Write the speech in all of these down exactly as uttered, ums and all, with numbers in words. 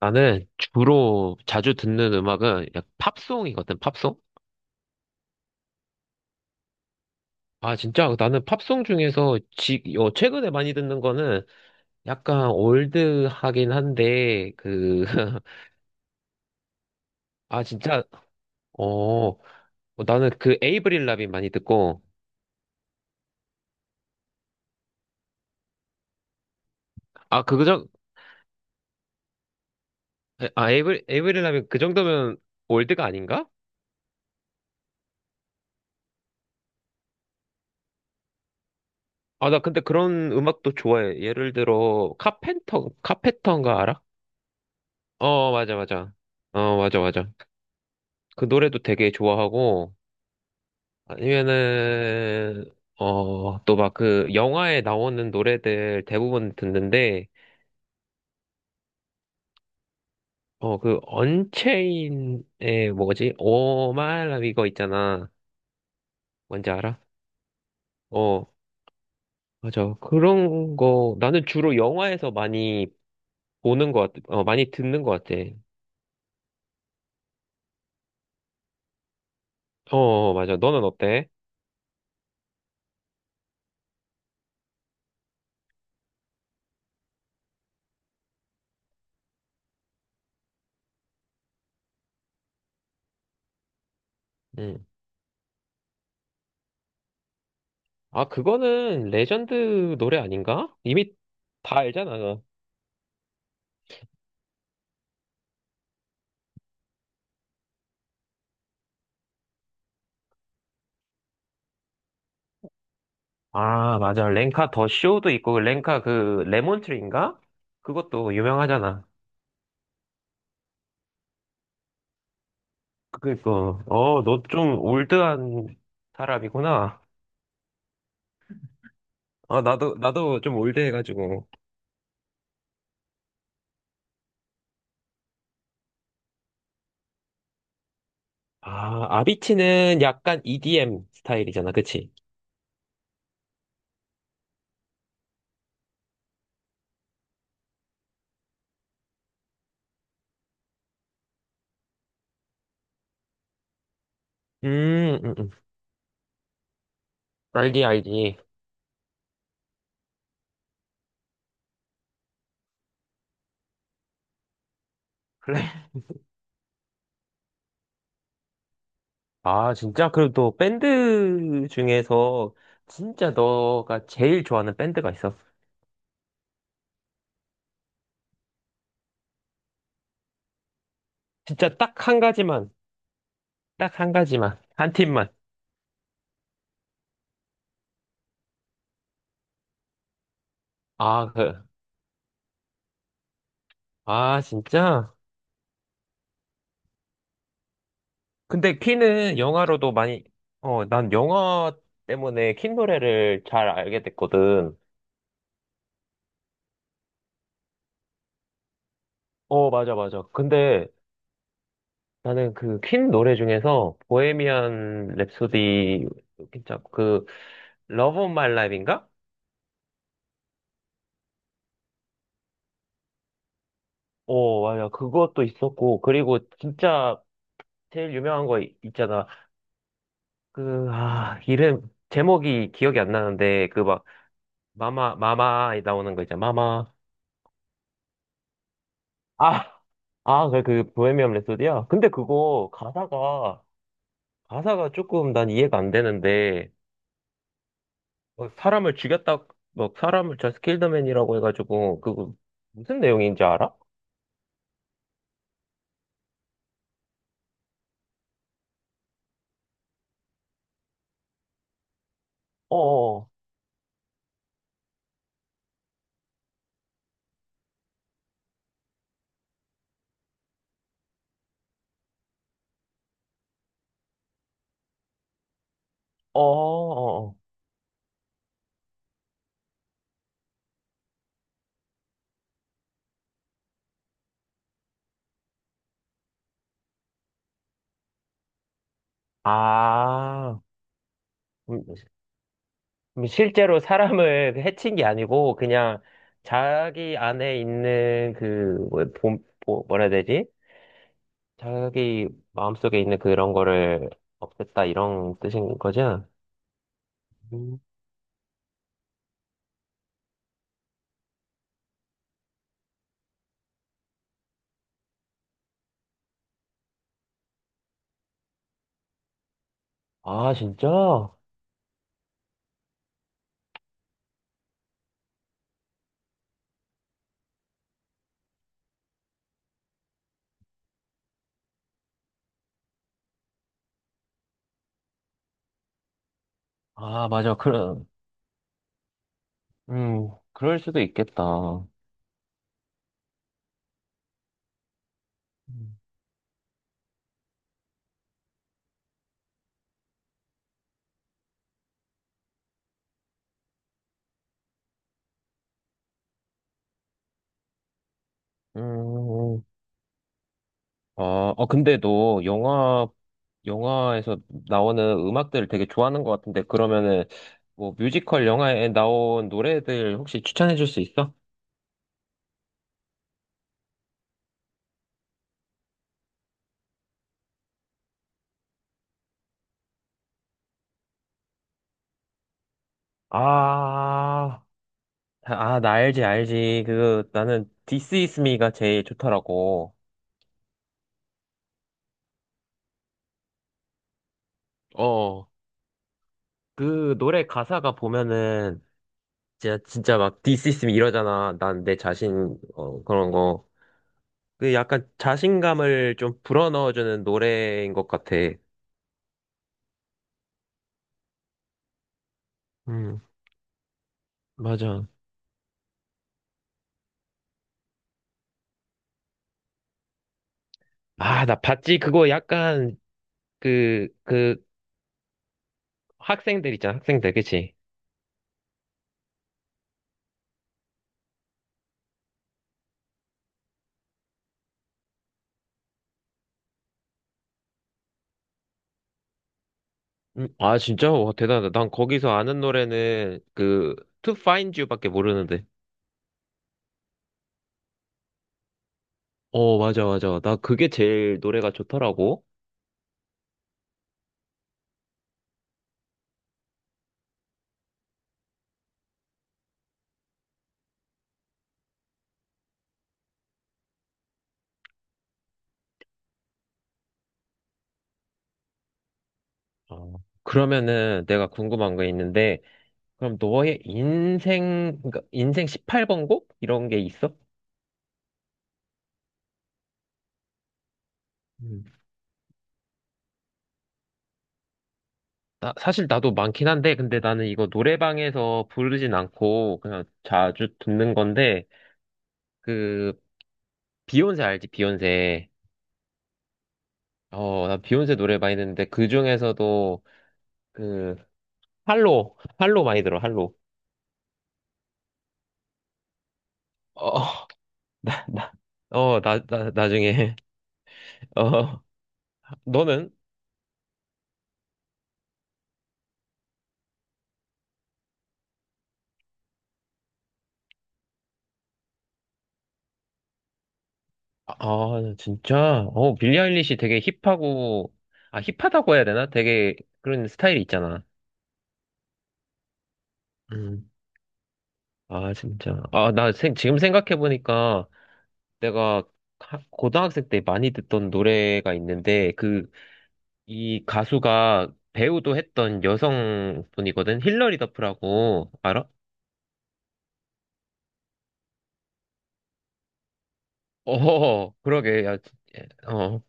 나는 주로 자주 듣는 음악은 약 팝송이거든, 팝송? 아, 진짜 나는 팝송 중에서 지, 어, 최근에 많이 듣는 거는 약간 올드하긴 한데, 그, 아, 진짜, 어, 어, 나는 그 에이브릴 라빈 많이 듣고, 아, 그, 정, 아, 에이브릴, 에이브릴 라빈 그 정도면 올드가 아닌가? 아, 나 근데 그런 음악도 좋아해. 예를 들어, 카펜터, 카페터인가 알아? 어, 맞아, 맞아. 어, 맞아, 맞아. 그 노래도 되게 좋아하고, 아니면은, 어, 또 막 그 영화에 나오는 노래들 대부분 듣는데, 어, 그 언체인의 뭐지? 오 마이 라 이거 있잖아. 뭔지 알아? 어, 맞아. 그런 거, 나는 주로 영화에서 많이 보는 것 같아. 어, 많이 듣는 것 같아. 어, 어, 어, 맞아. 너는 어때? 응. 아, 그거는 레전드 노래 아닌가? 이미 다 알잖아. 아, 맞아. 렌카 더 쇼도 있고, 렌카 그, 레몬트리인가? 그것도 유명하잖아. 그니까, 어, 너 좀 올드한 사람이구나. 아, 나도, 나도 좀 올드해가지고. 아, 아비치는 약간 이디엠 스타일이잖아. 그치? 음, 음, 음. 알지, 알지. 그래. 아, 진짜? 그리고 또 밴드 중에서 진짜 너가 제일 좋아하는 밴드가 있어. 진짜 딱 한 가지만, 딱 한 가지만, 한 팀만. 아, 그, 아, 진짜? 근데 키는 영화로도 많이, 어, 난 영화 때문에 킨 노래를 잘 알게 됐거든. 어, 맞아, 맞아. 근데 나는 그 퀸 노래 중에서 보헤미안 랩소디, 진짜 그, 러브 온 마이 라이프인가? 어, 맞아. 그것도 있었고, 그리고 진짜 제일 유명한 거 있- 있잖아. 그, 아, 이름, 제목이 기억이 안 나는데, 그 막, 마마, 마마 나오는 거 있잖아. 마마. 아, 아, 그, 그, 보헤미안 랩소디야? 근데 그거, 가사가, 가사가 조금 난 이해가 안 되는데, 뭐 사람을 죽였다, 뭐, 사람을 저 스킬더맨이라고 해가지고, 그거, 무슨 내용인지 알아? 어어어, 어어어. 아, 음, 음, 실제로 사람을 해친 게 아니고, 그냥, 자기 안에 있는 그, 뭐, 본- 뭐- 뭐라 해야 되지? 자기 마음속에 있는 그런 거를 없앴다, 이런 뜻인 거지? 아, 진짜? 아, 맞아. 그런, 음, 그럴 수도 있겠다. 음. 음, 아, 어, 근데 너 영화, 영화에서 나오는 음악들을 되게 좋아하는 것 같은데, 그러면은, 뭐, 뮤지컬 영화에 나온 노래들 혹시 추천해 줄 수 있어? 아, 아, 나 알지, 알지. 그, 나는 This Is Me가 제일 좋더라고. 어, 그 노래 가사가 보면은, 진짜, 진짜 막 디스 있으면 이러잖아. 난 내 자신, 어, 그런 거. 그 약간 자신감을 좀 불어넣어주는 노래인 것 같아. 음, 맞아. 아, 나 봤지. 그거 약간, 그, 그, 학생들 있잖아. 학생들, 그치? 음, 아, 진짜? 와, 대단하다. 난 거기서 아는 노래는 그, To Find You밖에 모르는데. 어, 맞아, 맞아. 나 그게 제일 노래가 좋더라고. 어. 그러면은 내가 궁금한 거 있는데, 그럼 너의 인생, 그러니까 인생 십팔 번 곡? 이런 게 있어? 음. 나, 사실 나도 많긴 한데, 근데 나는 이거 노래방에서 부르진 않고, 그냥 자주 듣는 건데, 그, 비욘세 알지? 비욘세. 어, 나 비욘세 노래 많이 듣는데, 그 중에서도, 그, 할로, 할로 많이 들어, 할로. 어, 나, 나, 어, 나, 나, 나중에. 어, 너는? 아, 진짜? 어, 빌리 아일리시 되게 힙하고, 아, 힙하다고 해야 되나? 되게 그런 스타일이 있잖아. 음. 아, 진짜. 아, 나 생- 지금 생각해보니까 내가 하- 고등학생 때 많이 듣던 노래가 있는데, 그, 이 가수가 배우도 했던 여성분이거든? 힐러리 더프라고, 알아? 어, 그러게. 야, 진- 어,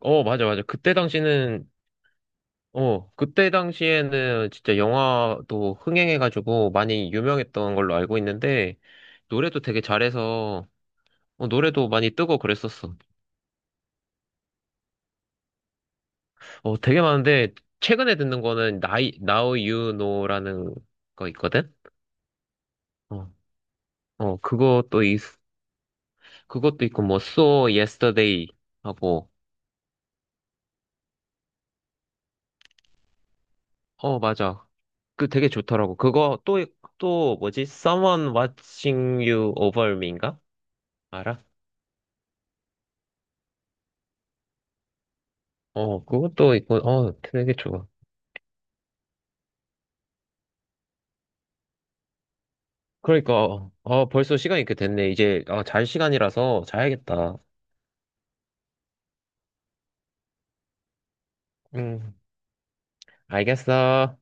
어, 맞아, 맞아. 그때 당시는 어, 그때 당시에는 진짜 영화도 흥행해가지고 많이 유명했던 걸로 알고 있는데, 노래도 되게 잘해서, 어, 노래도 많이 뜨고 그랬었어. 어, 되게 많은데, 최근에 듣는 거는 나이, Now You Know라는 거 있거든? 어, 어, 그것도 있, 그것도 있고, 뭐, So Yesterday 하고, 어, 맞아. 그 되게 좋더라고. 그거 또, 또 뭐지? Someone Watching You Over Me인가? 알아? 어, 그것도 있고, 어, 되게 좋아. 그러니까, 아, 벌써 시간이 이렇게 됐네. 이제, 아, 잘 시간이라서 자야겠다. 음. 알겠어.